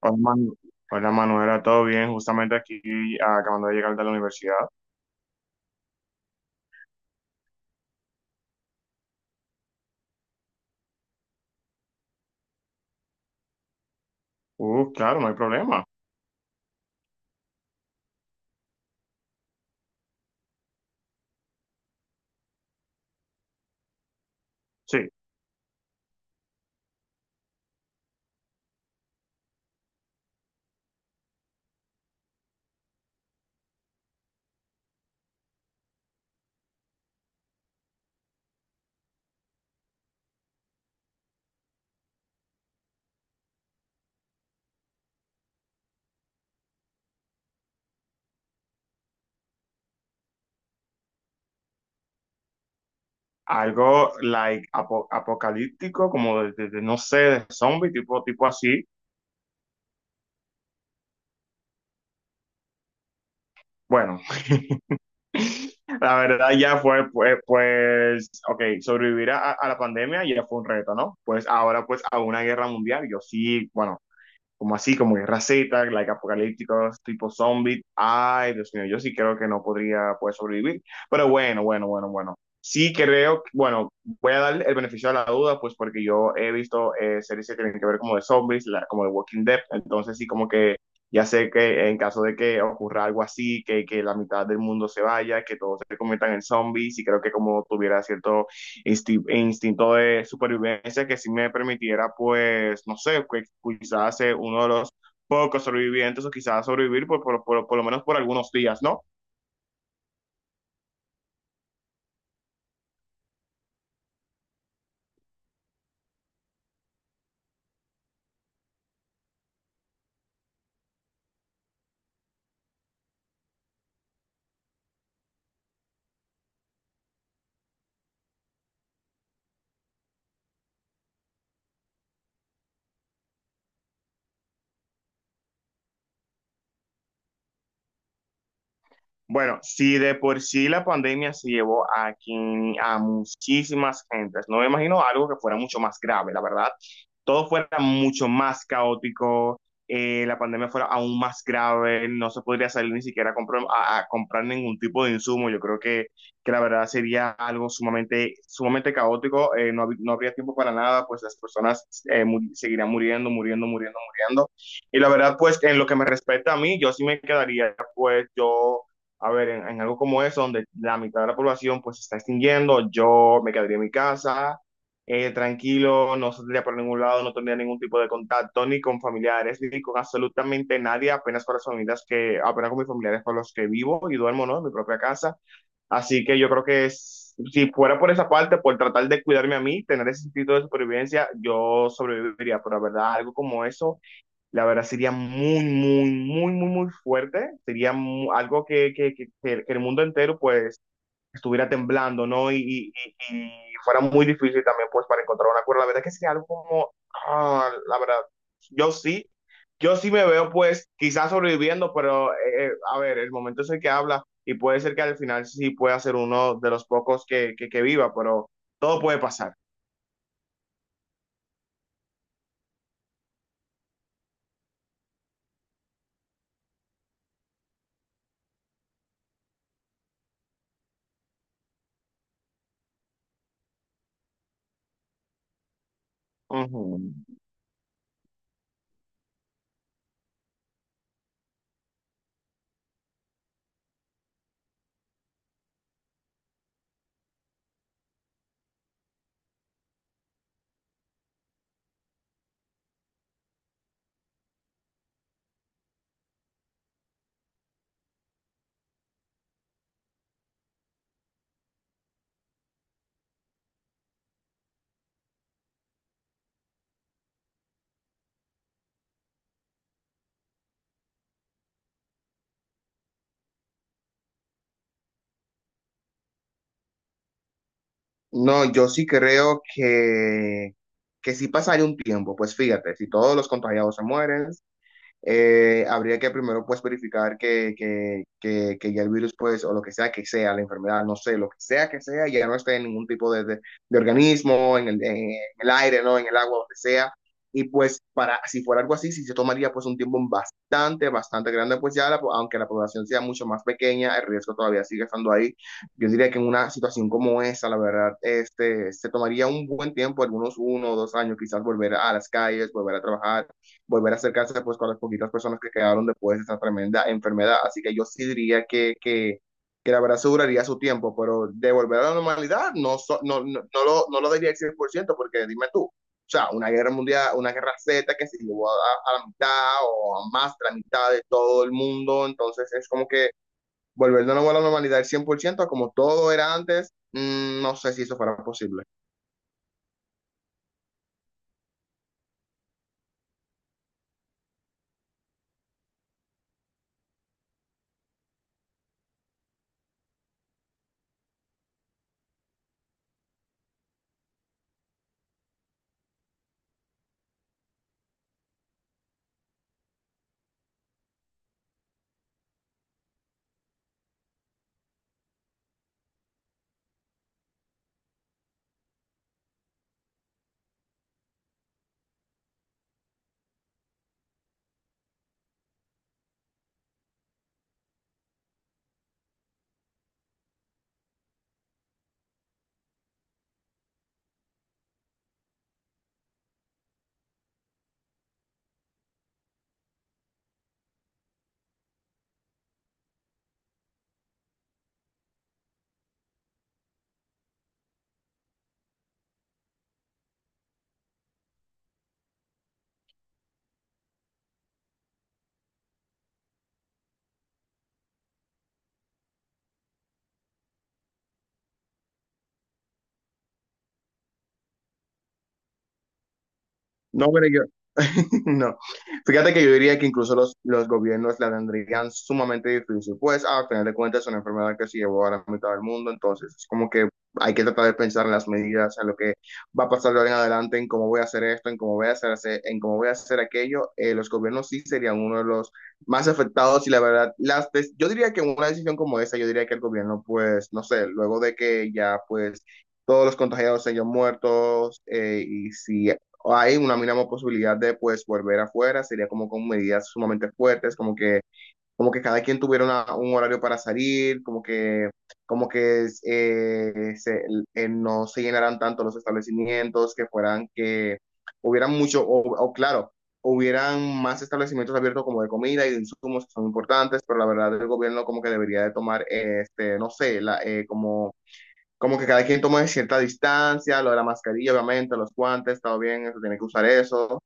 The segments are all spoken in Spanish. Hola, Manu- Hola, Manuela, ¿todo bien? Justamente aquí, acabando de llegar de la universidad. Claro, no hay problema. Sí, algo like apocalíptico, como de, no sé, de zombie, tipo así. Bueno, la verdad ya fue, pues, ok, sobrevivir a la pandemia ya fue un reto, ¿no? Pues ahora, pues, a una guerra mundial, yo sí, bueno. Como así, como guerra Z, like apocalípticos, tipo zombie. Ay, Dios mío, yo sí creo que no podría, pues, sobrevivir. Pero bueno, bueno, bueno, bueno. Sí creo, bueno, voy a dar el beneficio de la duda, pues porque yo he visto series que tienen que ver como de zombies, como de Walking Dead, entonces sí, como que ya sé que en caso de que ocurra algo así, que la mitad del mundo se vaya, que todos se conviertan en zombies, y creo que como tuviera cierto instinto de supervivencia que sí me permitiera, pues, no sé, que quizás ser uno de los pocos sobrevivientes o quizás sobrevivir por lo menos por algunos días, ¿no? Bueno, si de por sí la pandemia se llevó a muchísimas gentes, no me imagino algo que fuera mucho más grave, la verdad. Todo fuera mucho más caótico, la pandemia fuera aún más grave, no se podría salir ni siquiera a comprar ningún tipo de insumo. Yo creo que la verdad sería algo sumamente, sumamente caótico, no habría tiempo para nada, pues las personas seguirían muriendo, muriendo, muriendo, muriendo. Y la verdad, pues en lo que me respecta a mí, yo sí me quedaría, pues yo, a ver, en algo como eso, donde la mitad de la población pues se está extinguiendo, yo me quedaría en mi casa, tranquilo, no saldría por ningún lado, no tendría ningún tipo de contacto ni con familiares, ni con absolutamente nadie, apenas con las familias que, apenas con mis familiares con los que vivo y duermo, ¿no? En mi propia casa. Así que yo creo que si fuera por esa parte, por tratar de cuidarme a mí, tener ese sentido de supervivencia, yo sobreviviría, pero la verdad, algo como eso. La verdad sería muy, muy, muy, muy, muy fuerte. Sería algo que el mundo entero pues estuviera temblando, ¿no? Y fuera muy difícil también pues para encontrar un acuerdo. La verdad que sería algo como, ah, la verdad, yo sí, yo sí me veo, pues, quizás sobreviviendo, pero a ver, el momento es el que habla y puede ser que al final sí pueda ser uno de los pocos que viva, pero todo puede pasar. Ujú. No, yo sí creo que sí pasaría un tiempo. Pues fíjate, si todos los contagiados se mueren, habría que primero pues verificar que ya el virus, pues, o lo que sea, la enfermedad, no sé, lo que sea, ya no esté en ningún tipo de organismo, en el aire, ¿no? En el agua, lo que sea. Y pues para, si fuera algo así, si se tomaría pues un tiempo bastante, bastante grande, pues ya la, aunque la población sea mucho más pequeña, el riesgo todavía sigue estando ahí. Yo diría que en una situación como esa, la verdad, este, se tomaría un buen tiempo, algunos 1 o 2 años, quizás volver a las calles, volver a trabajar, volver a acercarse pues con las poquitas personas que quedaron después de esa tremenda enfermedad. Así que yo sí diría que la verdad aseguraría su tiempo, pero de volver a la normalidad no, no lo diría al 100% porque dime tú, o sea, una guerra mundial, una guerra Z que se llevó a la mitad o a más de la mitad de todo el mundo, entonces es como que volver de nuevo a la normalidad al 100% como todo era antes, no sé si eso fuera posible. No, pero yo, no. Fíjate que yo diría que incluso los gobiernos la tendrían sumamente difícil, pues al final de cuentas es una enfermedad que se llevó a la mitad del mundo, entonces es como que hay que tratar de pensar en las medidas, en lo que va a pasar de ahora en adelante, en cómo voy a hacer esto, en cómo voy a hacer, en cómo voy a hacer aquello. Los gobiernos sí serían uno de los más afectados y la verdad, yo diría que una decisión como esa, yo diría que el gobierno, pues, no sé, luego de que ya, pues, todos los contagiados se hayan muertos, y si hay una mínima posibilidad de pues volver afuera, sería como con medidas sumamente fuertes, como que cada quien tuviera un horario para salir, como que eh, se- no se llenaran tanto los establecimientos, que fueran que hubieran mucho, o claro, hubieran más establecimientos abiertos como de comida y de insumos que son importantes, pero la verdad el gobierno como que debería de tomar, este, no sé, como que cada quien tome cierta distancia, lo de la mascarilla, obviamente, los guantes, todo bien, eso, tiene que usar eso.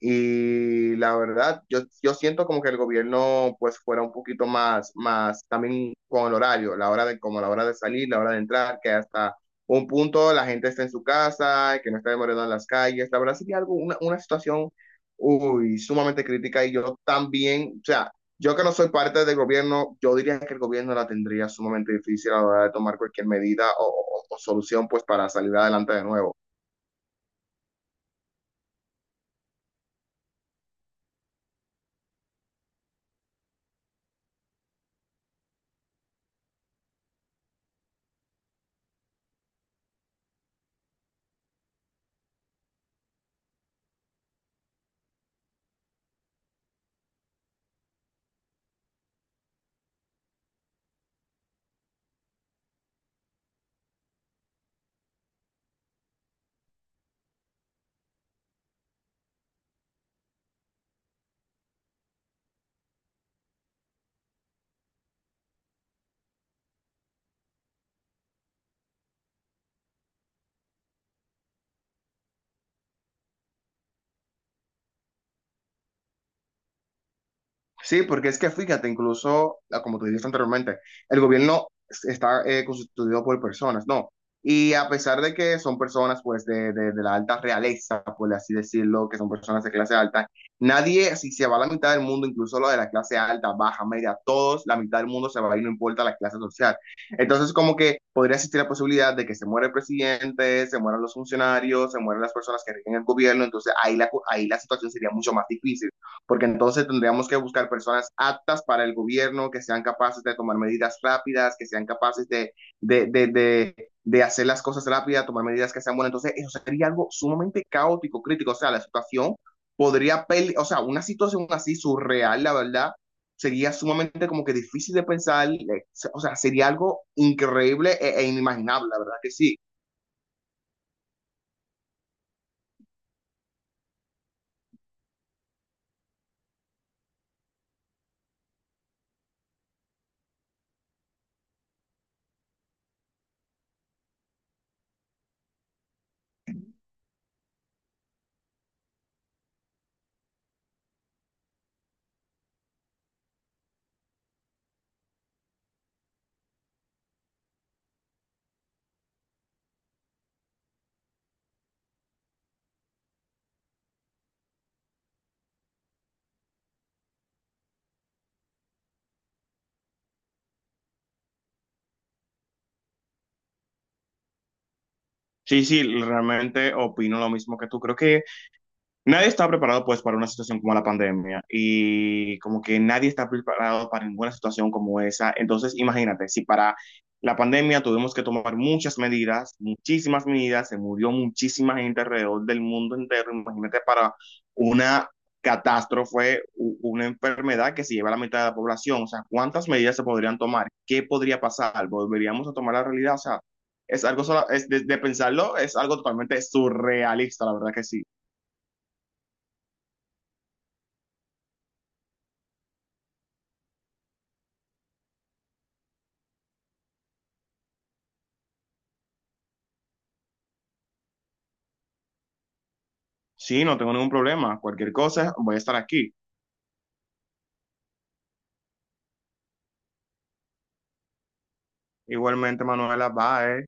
Y la verdad, yo siento como que el gobierno pues fuera un poquito más, más también con el horario, la hora de, como la hora de salir, la hora de entrar, que hasta un punto la gente está en su casa, que no está demorando en las calles. La verdad sería algo, una situación, uy, sumamente crítica y yo también, o sea, yo que no soy parte del gobierno, yo diría que el gobierno la tendría sumamente difícil a la hora de tomar cualquier medida o solución pues para salir adelante de nuevo. Sí, porque es que fíjate, incluso, ah, como tú dijiste anteriormente, el gobierno está constituido por personas, ¿no? Y a pesar de que son personas, pues, de la alta realeza, por así decirlo, que son personas de clase alta, nadie, si se va la mitad del mundo, incluso lo de la clase alta, baja, media, todos, la mitad del mundo se va a ir, no importa la clase social. Entonces, como que podría existir la posibilidad de que se muera el presidente, se mueran los funcionarios, se mueran las personas que rigen el gobierno, entonces ahí la, ahí la situación sería mucho más difícil porque entonces tendríamos que buscar personas aptas para el gobierno, que sean capaces de tomar medidas rápidas, que sean capaces de hacer las cosas rápidas, tomar medidas que sean buenas. Entonces, eso sería algo sumamente caótico, crítico. O sea, la situación podría, o sea, una situación así surreal, la verdad, sería sumamente como que difícil de pensar. O sea, sería algo increíble e inimaginable, la verdad que sí. Sí, sí, realmente opino lo mismo que tú. Creo que nadie está preparado pues para una situación como la pandemia y como que nadie está preparado para ninguna situación como esa. Entonces, imagínate, si para la pandemia tuvimos que tomar muchas medidas, muchísimas medidas, se murió muchísima gente alrededor del mundo entero, imagínate para una catástrofe, una enfermedad que se lleva a la mitad de la población, o sea, ¿cuántas medidas se podrían tomar? ¿Qué podría pasar? ¿Volveríamos a tomar la realidad? O sea, es algo, es de pensarlo, es algo totalmente surrealista, la verdad que sí. Sí, no tengo ningún problema. Cualquier cosa, voy a estar aquí. Igualmente, Manuela, bye.